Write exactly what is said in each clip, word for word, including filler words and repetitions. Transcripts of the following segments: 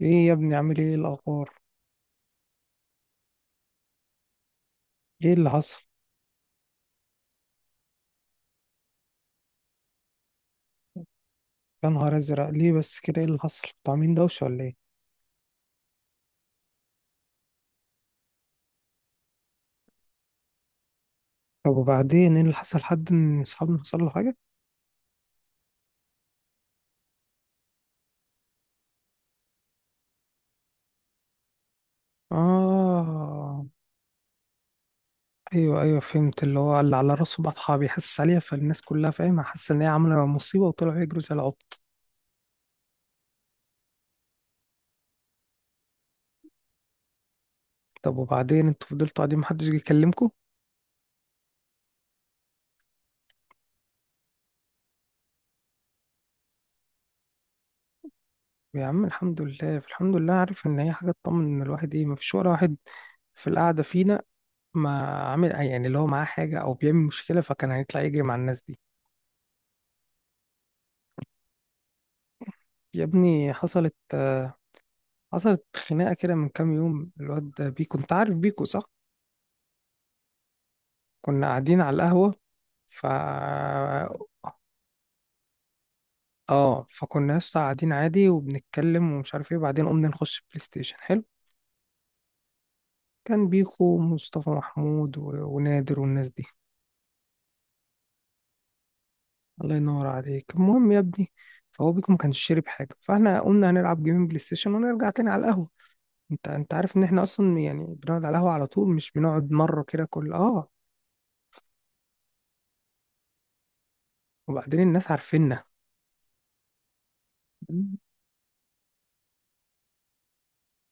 ايه يا ابني عامل ايه إيه الاخبار؟ ايه اللي حصل؟ يا نهار ازرق، ليه بس كده؟ ايه اللي حصل؟ انتوا عاملين دوشه ولا ايه؟ طب وبعدين ايه اللي حصل؟ حد من اصحابنا حصل له حاجه؟ اه، ايوه ايوه فهمت، اللي هو اللي على راسه بطحه بيحسس عليها، فالناس كلها فاهمه حاسه ان هي عامله مصيبه وطلعوا يجروا زي العبط. طب وبعدين انتوا فضلتوا قاعدين محدش جه يكلمكم؟ يا عم الحمد لله الحمد لله، عارف ان هي حاجه تطمن، ان الواحد ايه، مفيش ولا واحد في القعده فينا ما عامل، يعني اللي هو معاه حاجه او بيعمل مشكله، فكان هيطلع يجري مع الناس دي. يا ابني حصلت آه، حصلت خناقة كده من كام يوم. الواد ده بيكو، انت عارف بيكو صح؟ كنا قاعدين على القهوة ف اه فكنا يا اسطى قاعدين عادي وبنتكلم ومش عارف ايه، بعدين قمنا نخش بلاي ستيشن. حلو. كان بيكو ومصطفى محمود و... ونادر والناس دي. الله ينور عليك. المهم يا ابني، فهو بيكو ما كانش شارب حاجة، فاحنا قمنا هنلعب جيمين بلاي ستيشن ونرجع تاني على القهوة. انت انت عارف ان احنا اصلا يعني بنقعد على القهوة على طول، مش بنقعد مرة كده كل اه، وبعدين الناس عارفيننا.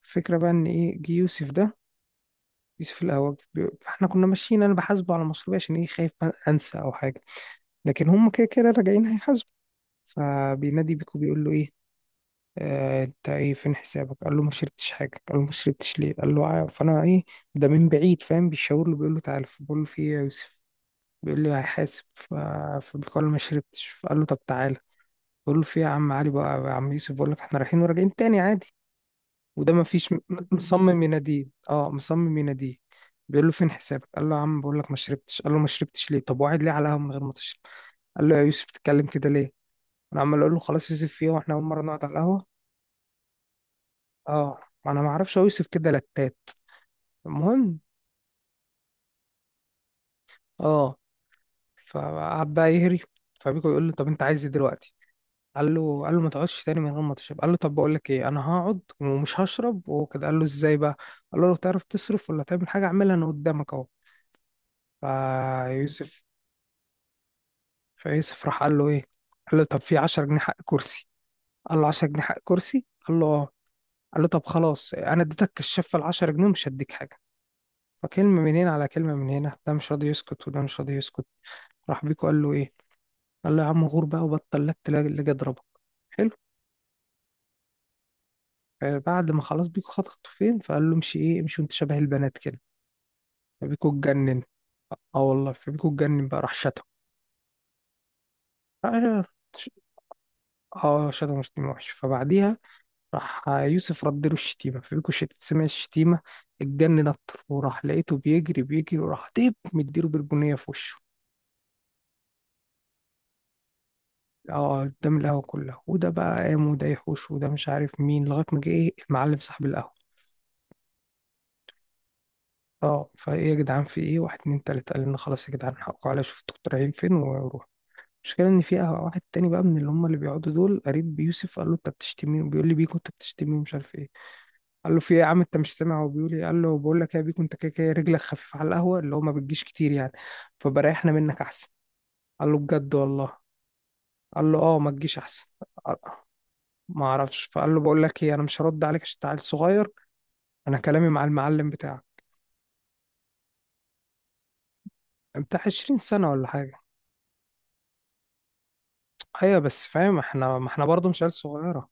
الفكرة بقى ان ايه، جه يوسف ده، يوسف الاهوج. بي- احنا كنا ماشيين، انا بحاسبه على مصروفي عشان ايه، خايف انسى او حاجة، لكن هم كده كده راجعين هيحاسبوا. فبينادي بيكو، بيقول له ايه، آه انت ايه، فين حسابك؟ قال له ما شربتش حاجة. قال له ما شربتش ليه؟ قال له عا- فانا ايه، ده من بعيد فاهم بيشاور له بيقول له تعالى. بقول له في ايه يا يوسف؟ بيقول لي هيحاسب. ف- فبيقول له ما شربتش. فقال له طب تعالى. بقول له في إيه يا عم علي، بقى يا عم يوسف بقول لك احنا رايحين وراجعين تاني عادي، وده مفيش. م- مصمم يناديه، اه مصمم يناديه. بيقول له فين حسابك؟ قال له يا عم بقول لك ما شربتش. قال له ما شربتش ليه؟ طب وقعد ليه على القهوه من غير ما تشرب؟ قال له يا يوسف بتتكلم كده ليه؟ انا عمال اقول له خلاص يوسف، فيه واحنا اول مره نقعد على القهوه. اه ما انا ما اعرفش، هو يوسف كده لتات. المهم اه، فقعد بقى يهري. فبيكو يقول له طب انت عايز ايه دلوقتي؟ قال له، قال له ما تقعدش تاني من غير ما تشرب. قال له طب بقول لك ايه، انا هقعد ومش هشرب وكده. قال له ازاي بقى؟ قال له لو تعرف تصرف ولا تعمل حاجه اعملها انا قدامك اهو. فيوسف، فيوسف راح قال له ايه، قال له طب في عشرة جنيه حق كرسي. قال له عشرة جنيه حق كرسي؟ قال له اه. قال له طب خلاص انا اديتك الشفه ال العشر جنيه ومش هديك حاجه. فكلمه من هنا على كلمه من هنا، ده مش راضي يسكت وده مش راضي يسكت. راح بيكو قال له ايه، قال له يا عم غور بقى وبطل لك تلاقي اللي جه ضربك. حلو. بعد ما خلاص بيكو خد خطوتين، فقال له امشي ايه، امشي وانت شبه البنات كده. فبيكو اتجنن. اه والله فبيكو اتجنن، بقى راح شتم. اه شتم. آه، شتم وحش. فبعديها راح يوسف رد له الشتيمة، فبيكو سمع الشتيمة اتجنن أكتر، وراح لقيته بيجري بيجري، وراح ديب مديله بالبنية في وشه. اه قدام القهوة كلها، وده بقى قام وده يحوش وده مش عارف مين، لغاية ما جه ايه، المعلم صاحب القهوة. اه، فايه يا جدعان في ايه؟ واحد اتنين تلاتة قال لنا خلاص يا جدعان حقكم عليا، شوف انتوا رايحين فين وروح. المشكلة إن في قهوة واحد تاني بقى من اللي هم اللي بيقعدوا دول قريب بيوسف، قال له أنت بتشتمني وبيقول لي بيكو أنت بتشتمني ومش عارف إيه. قال له في ايه يا عم؟ انت مش سامع هو بيقول ايه؟ قال له بقول لك يا بيكو انت كده كده رجلك خفيفه على القهوه، اللي هو ما بتجيش كتير يعني، فبريحنا منك احسن. قال له بجد والله؟ قال له اه ما تجيش احسن. قال- ما اعرفش، فقال له بقول لك ايه انا مش هرد عليك عشان انت عيل صغير، انا كلامي مع المعلم بتاعك. بتاع عشرين سنه ولا حاجه. ايوه بس فاهم احنا ما احنا برضه مش عيال صغيره.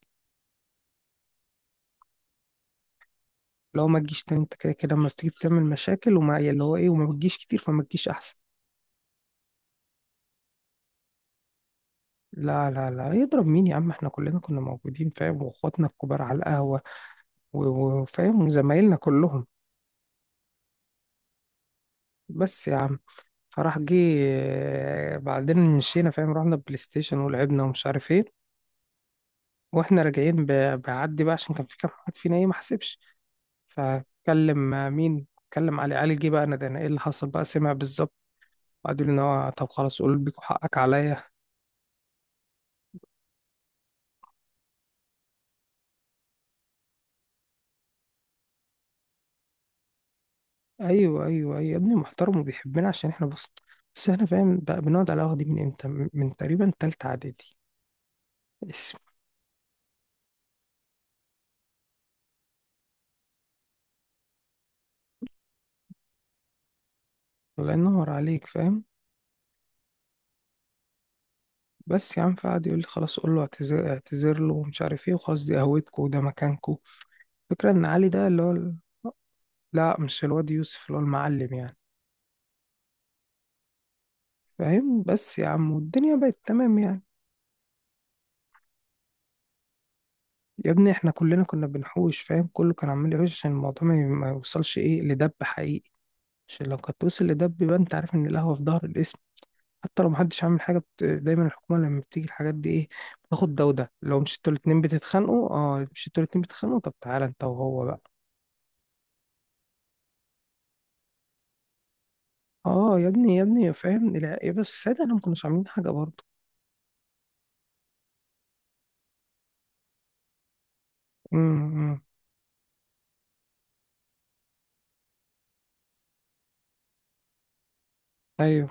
لو ما تجيش تاني، انت كده كده لما بتيجي بتعمل مشاكل وما، يعني اللي هو ايه وما بتجيش كتير، فما تجيش احسن. لا لا لا، يضرب مين يا عم؟ احنا كلنا كنا موجودين فاهم، واخواتنا الكبار على القهوه و- وفاهم زمايلنا كلهم. بس يا عم، فراح جه آه، بعدين مشينا فاهم، رحنا بلاي ستيشن ولعبنا ومش عارف ايه. واحنا راجعين ب- بعدي بقى، عشان كان في كام واحد فينا ايه ما حسبش. فكلم آه، مين، كلم علي. علي جه بقى انا ايه اللي حصل بقى، سمع بالظبط، وقعدوا يقولوا ان هو طب خلاص قول بيكو حقك عليا. ايوه ايوه ايوه يا ابني، محترم وبيحبنا عشان احنا بص، بس احنا فاهم بقى بنقعد على القهوه دي من امتى؟ من تقريبا تالتة اعدادي. اسم الله ينور عليك. فاهم بس يا عم، فقعد يقول لي خلاص قول له اعتذر، اعتذر له ومش عارف ايه، وخلاص دي قهوتكم وده مكانكم. فكرة ان علي ده اللي هو ال- لا مش الواد يوسف، اللي هو المعلم يعني. فاهم بس يا عم، والدنيا بقت تمام يعني. يا ابني احنا كلنا كنا بنحوش فاهم، كله كان عمال يحوش عشان الموضوع ما ما يوصلش ايه لدب حقيقي. عشان لو كانت توصل لدب يبقى انت عارف ان القهوة في ظهر الاسم، حتى لو محدش عامل حاجة بت... دايما الحكومة لما بتيجي الحاجات دي ايه، بتاخد ده وده، لو مش انتوا الاتنين بتتخانقوا اه، مش انتوا الاتنين بتتخانقوا طب تعالى انت وهو بقى. اه يا ابني يا ابني فاهم، لا يا بس السيدة انا ما كناش عاملين حاجه برضه. امم امم. ايوه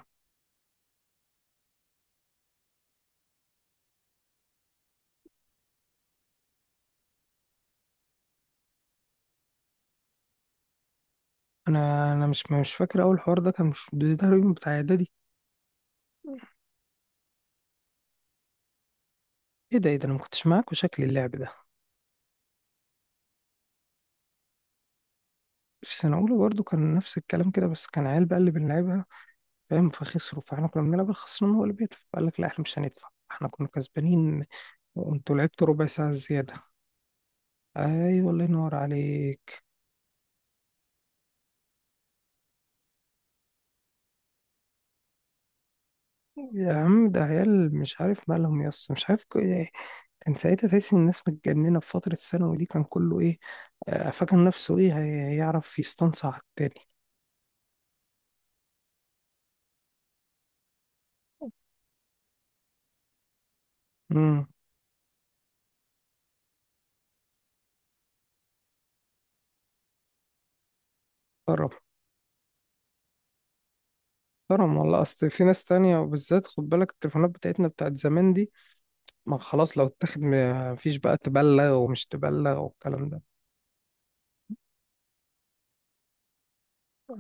انا انا مش مش فاكر اول حوار ده، كان مش ده تقريبا بتاع اعدادي؟ ايه ده ايه ده، انا ما كنتش معاك وشكل اللعب ده. في سنه اولى برضه كان نفس الكلام كده، بس كان عيال بقى اللي بنلعبها فاهم، فخسروا، فاحنا كنا بنلعب الخسران هو اللي بيدفع، فقال لك لا احنا مش هندفع، احنا كنا كسبانين وانتوا لعبتوا ربع ساعه زياده. ايوه الله ينور عليك. يا عم ده عيال مش عارف مالهم يا اسطى، مش عارف ك- إيه. كان ساعتها تحس ان الناس متجننه، في فتره الثانوي دي كان كله ايه، آه، فاكر نفسه ايه، هي- هيعرف يستنصع على التاني. امم. كرم، كرم والله، اصل في ناس تانية وبالذات خد بالك، التليفونات بتاعتنا بتاعت زمان دي ما خلاص لو اتاخد ما فيش بقى تبلغ ومش تبلغ والكلام ده.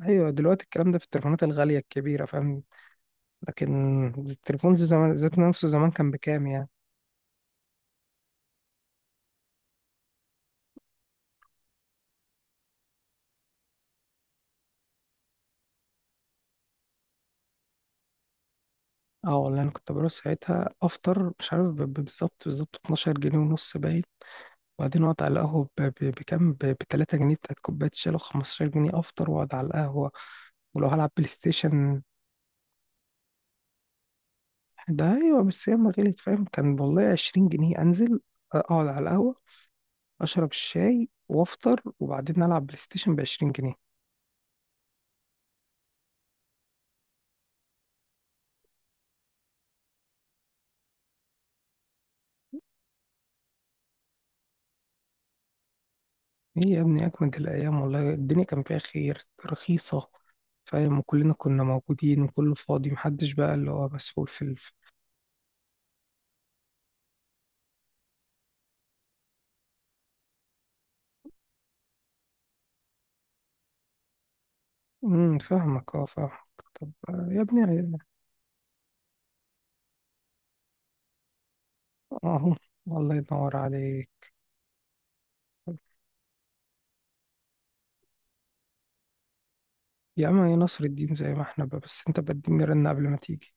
ايوه دلوقتي الكلام ده في التليفونات الغاليه الكبيره فاهم، لكن التليفون زي زمان ذات نفسه، زمان كان بكام يعني؟ اه والله انا كنت بروح ساعتها افطر مش عارف ب- ب- بالظبط بالظبط اتناشر جنيه ونص باين، وبعدين اقعد على القهوه ب- ب- بكام، ب ثلاث جنيه بتاعت كوبايه شاي، لو خمسة عشر جنيه افطر واقعد على القهوه ولو هلعب بلاي ستيشن. ده ايوه بس هي ما غليت فاهم، كان والله عشرين جنيه انزل اقعد على القهوه اشرب الشاي وافطر وبعدين العب بلاي ستيشن ب عشرين جنيه. ايه يا ابني اجمد الايام والله، الدنيا كان فيها خير، رخيصه فاهم، وكلنا كنا موجودين وكله فاضي، محدش بقى اللي هو مسؤول في. امم فاهمك اه فاهمك. طب آه، يا ابني، اهو الله ينور عليك. يا اما يا نصر الدين زي ما احنا بقى، بس انت بديني رن قبل ما تيجي.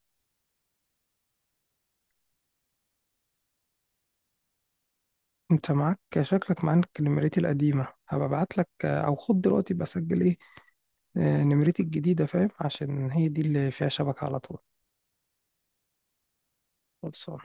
انت معاك شكلك معاك نمرتي القديمة، هبقى ابعت لك آه، او خد دلوقتي بسجل ايه، آه، نمرتي الجديدة فاهم، عشان هي دي اللي فيها شبكة على طول. خلصان.